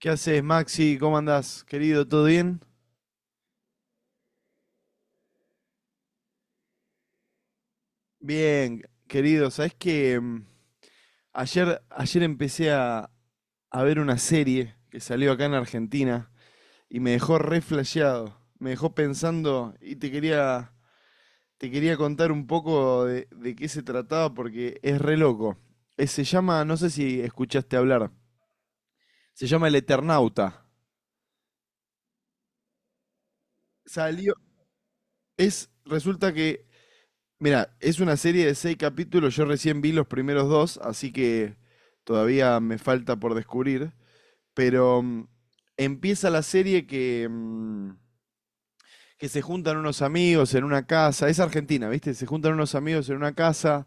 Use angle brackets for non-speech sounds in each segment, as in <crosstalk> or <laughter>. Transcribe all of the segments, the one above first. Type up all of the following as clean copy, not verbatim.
¿Qué haces, Maxi? ¿Cómo andás, querido? ¿Todo bien? Bien, querido. Sabés que ayer empecé a ver una serie que salió acá en Argentina y me dejó re flasheado. Me dejó pensando y te quería contar un poco de qué se trataba porque es re loco. Se llama, no sé si escuchaste hablar, se llama El Eternauta. Salió, es, resulta que Mira, es una serie de seis capítulos, yo recién vi los primeros dos, así que todavía me falta por descubrir, pero empieza la serie que, que se juntan unos amigos en una casa, es Argentina, ¿viste? Se juntan unos amigos en una casa,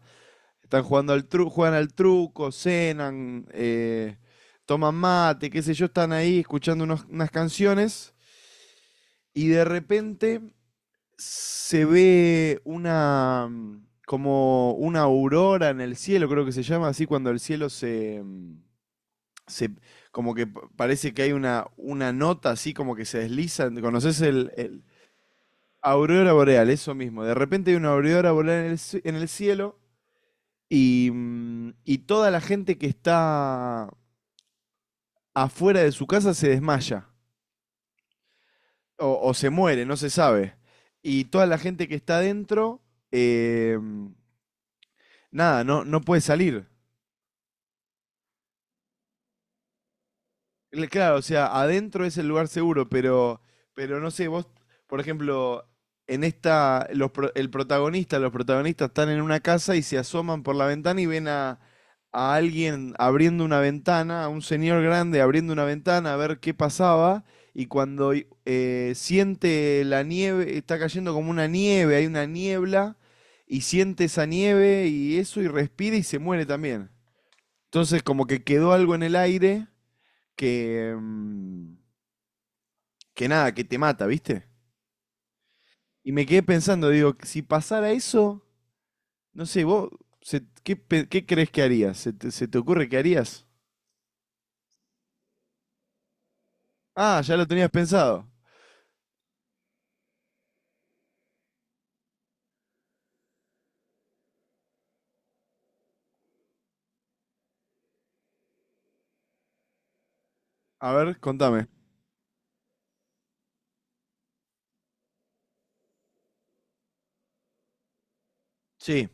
están jugando al truco, juegan al truco, cenan, toman mate, qué sé yo, están ahí escuchando unas canciones y de repente se ve una como una aurora en el cielo, creo que se llama así, cuando el cielo se se como que parece que hay una nota así como que se desliza. ¿Conoces el aurora boreal? Eso mismo. De repente hay una aurora boreal en el cielo y, y toda la gente que está afuera de su casa se desmaya o se muere, no se sabe. Y toda la gente que está adentro em, nada, no, no puedes salir. Claro, o sea, adentro es el lugar seguro, pero no sé, vos, por ejemplo, en esta, los, pro- el protagonista, los protagonistas están en una casa y se asoman por la ventana y ven a alguien abriendo una ventana, a un señor grande abriendo una ventana a ver qué pasaba, y cuando siente la nieve, está cayendo como una nieve, hay una niebla, y siente esa nieve y eso y respira y se muere también. Entonces, como que quedó algo en el aire que, que nada, que te mata, ¿viste? Y me quedé pensando, digo, si pasara eso, no sé, vos, ¿Qué crees que harías? ¿Se te ocurre que harías? Ah, ya lo tenías pensado. A ver, contame. Sí.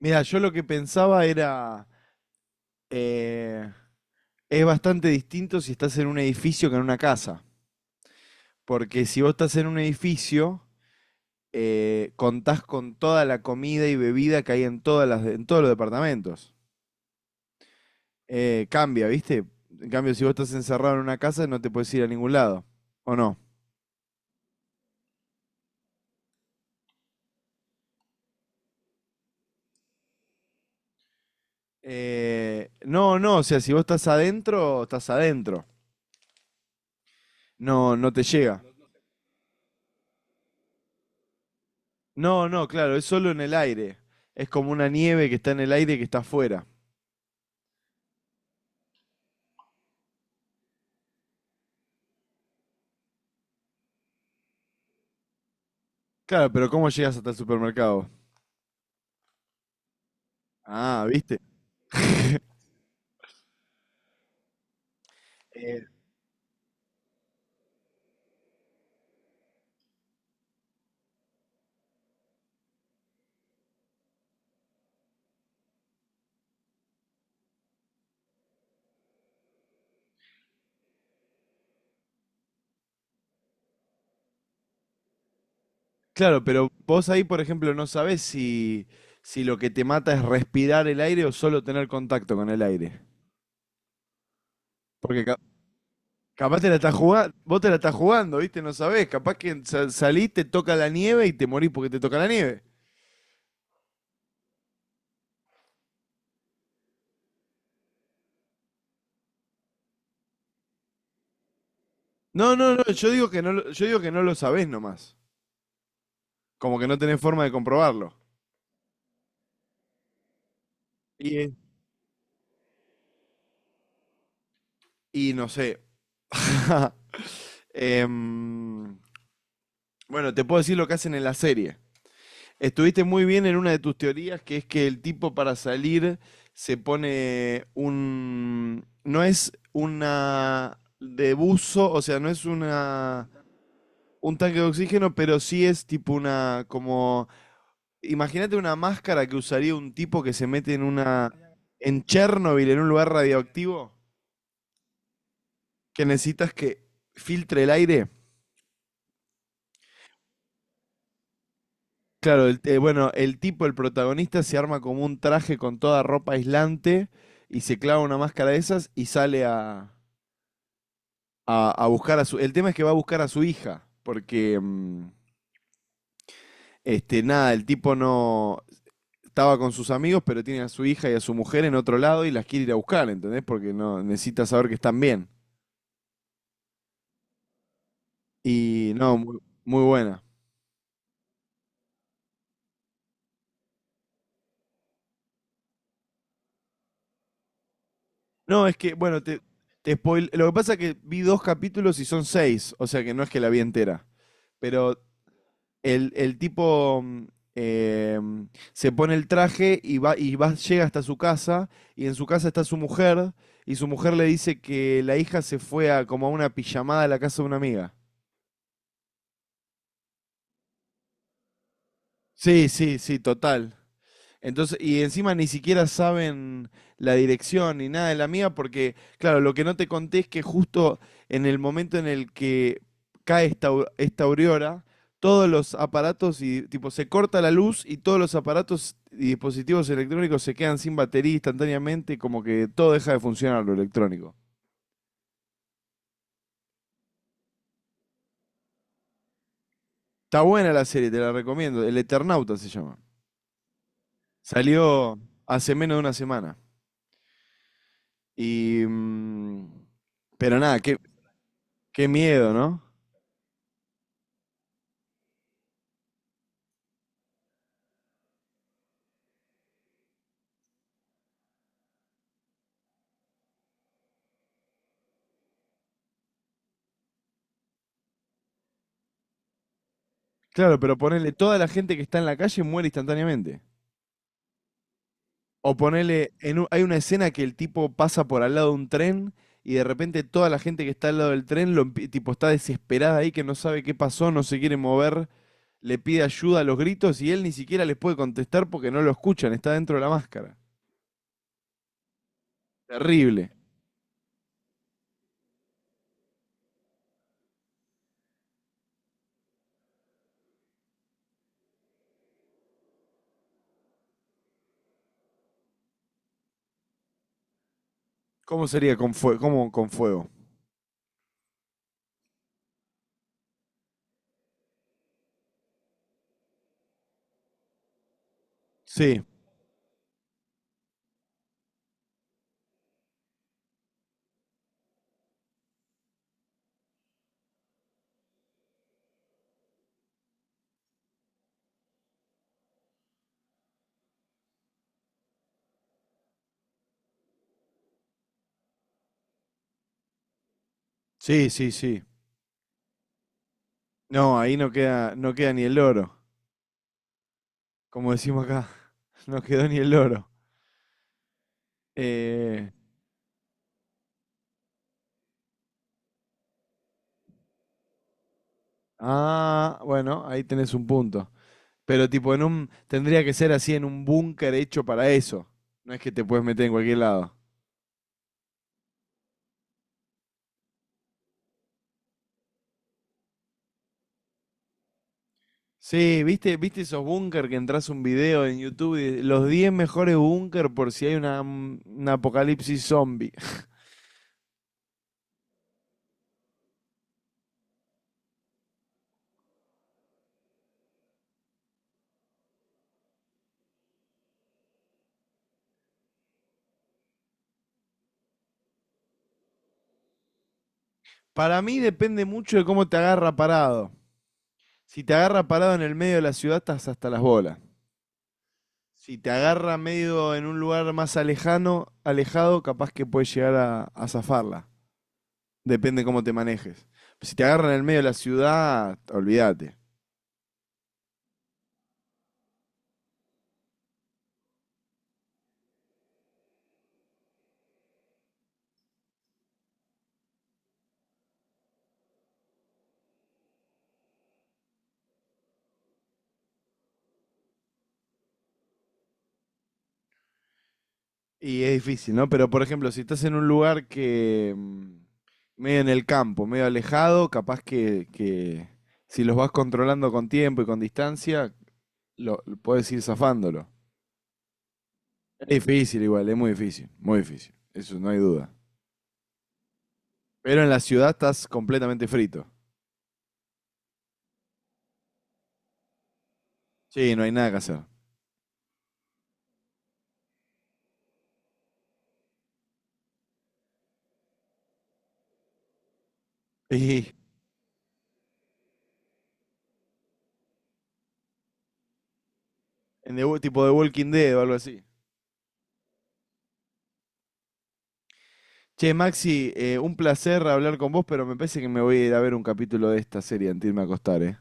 Mira, yo lo que pensaba era, eh, es bastante distinto si estás en un edificio que en una casa. Porque si vos estás en un edificio, contás con toda la comida y bebida que hay en, todas las, en todos los departamentos. Cambia, ¿viste? En cambio, si vos estás encerrado en una casa, no te puedes ir a ningún lado, ¿o no? No, no, o sea, si vos estás adentro, estás adentro. No, no te llega. No, no, claro, es solo en el aire. Es como una nieve que está en el aire que está afuera. Claro, pero ¿cómo llegas hasta el supermercado? Ah, ¿viste? Eh, Claro, pero vos ahí, por ejemplo, no sabés si lo que te mata es respirar el aire o solo tener contacto con el aire. Porque capaz te la estás jugando, vos te la estás jugando, ¿viste? No sabés, capaz que salís, te toca la nieve y te morís porque te toca la nieve. No, no, no, yo digo que no, yo digo que no lo sabés nomás. Como que no tenés forma de comprobarlo. Y, eh, y no sé. <laughs> Em, bueno, te puedo decir lo que hacen en la serie. Estuviste muy bien en una de tus teorías, que es que el tipo para salir se pone un... No es una de buzo, o sea, no es una un tanque de oxígeno, pero sí es tipo una como imagínate una máscara que usaría un tipo que se mete en una en Chernobyl, en un lugar radioactivo, que necesitas que filtre el aire. Claro, el, bueno, el tipo, el protagonista, se arma como un traje con toda ropa aislante y se clava una máscara de esas y sale a buscar a su... El tema es que va a buscar a su hija, porque, este, nada, el tipo no... Estaba con sus amigos, pero tiene a su hija y a su mujer en otro lado y las quiere ir a buscar, ¿entendés? Porque no necesita saber que están bien. Y no, muy, muy buena. No, es que, bueno, te spoil... Lo que pasa es que vi dos capítulos y son seis, o sea que no es que la vi entera. Pero el tipo eh, se pone el traje y va, llega hasta su casa, y en su casa está su mujer, y su mujer le dice que la hija se fue a como a una pijamada a la casa de una amiga. Sí, sí, sí, total. Entonces, y encima ni siquiera saben la dirección ni nada de la mía, porque, claro, lo que no te conté es que justo en el momento en el que cae esta aurora, todos los aparatos y tipo se corta la luz y todos los aparatos y dispositivos electrónicos se quedan sin batería instantáneamente, y como que todo deja de funcionar lo electrónico. Está buena la serie, te la recomiendo. El Eternauta se llama. Salió hace menos de una semana. Y pero nada, qué miedo, ¿no? Claro, pero ponele, toda la gente que está en la calle muere instantáneamente. O ponele, hay una escena que el tipo pasa por al lado de un tren y de repente toda la gente que está al lado del tren, tipo, está desesperada ahí, que no sabe qué pasó, no se quiere mover, le pide ayuda a los gritos y él ni siquiera les puede contestar porque no lo escuchan, está dentro de la máscara. Terrible. ¿Cómo sería con fuego? ¿Cómo con fuego? Sí, sí, sí, sí. No, ahí no queda, no queda ni el oro, como decimos acá. <laughs> No quedó ni el oro. Eh, Ah, bueno, ahí tenés un punto. Pero tipo en un, tendría que ser así en un búnker hecho para eso. No es que te puedes meter en cualquier lado. Sí, ¿viste esos búnker que entras un video en YouTube de los 10 mejores búnker por si hay un apocalipsis zombie? <laughs> Para mí depende mucho de cómo te agarra parado. Si te agarra parado en el medio de la ciudad, estás hasta las bolas. Si te agarra medio en un lugar más alejano, alejado, capaz que puedes llegar a zafarla. Depende cómo te manejes. Si te agarran en el medio de la ciudad, olvídate. Y es difícil, ¿no? Pero por ejemplo, si estás en un lugar que medio en el campo, medio alejado, capaz que si los vas controlando con tiempo y con distancia, lo podés ir zafándolo. Es difícil igual, es muy difícil, muy difícil. Eso no hay duda. Pero en la ciudad estás completamente frito. Sí, no hay nada que hacer. Y en The tipo de Walking Dead o algo así. Che, Maxi, un placer hablar con vos, pero me parece que me voy a ir a ver un capítulo de esta serie antes de irme a acostar, ¿eh?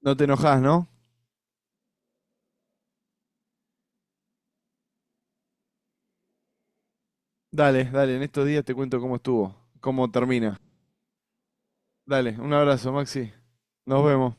No te enojás, ¿no? Dale, dale, en estos días te cuento cómo estuvo, cómo termina. Dale, un abrazo, Maxi. Nos vemos.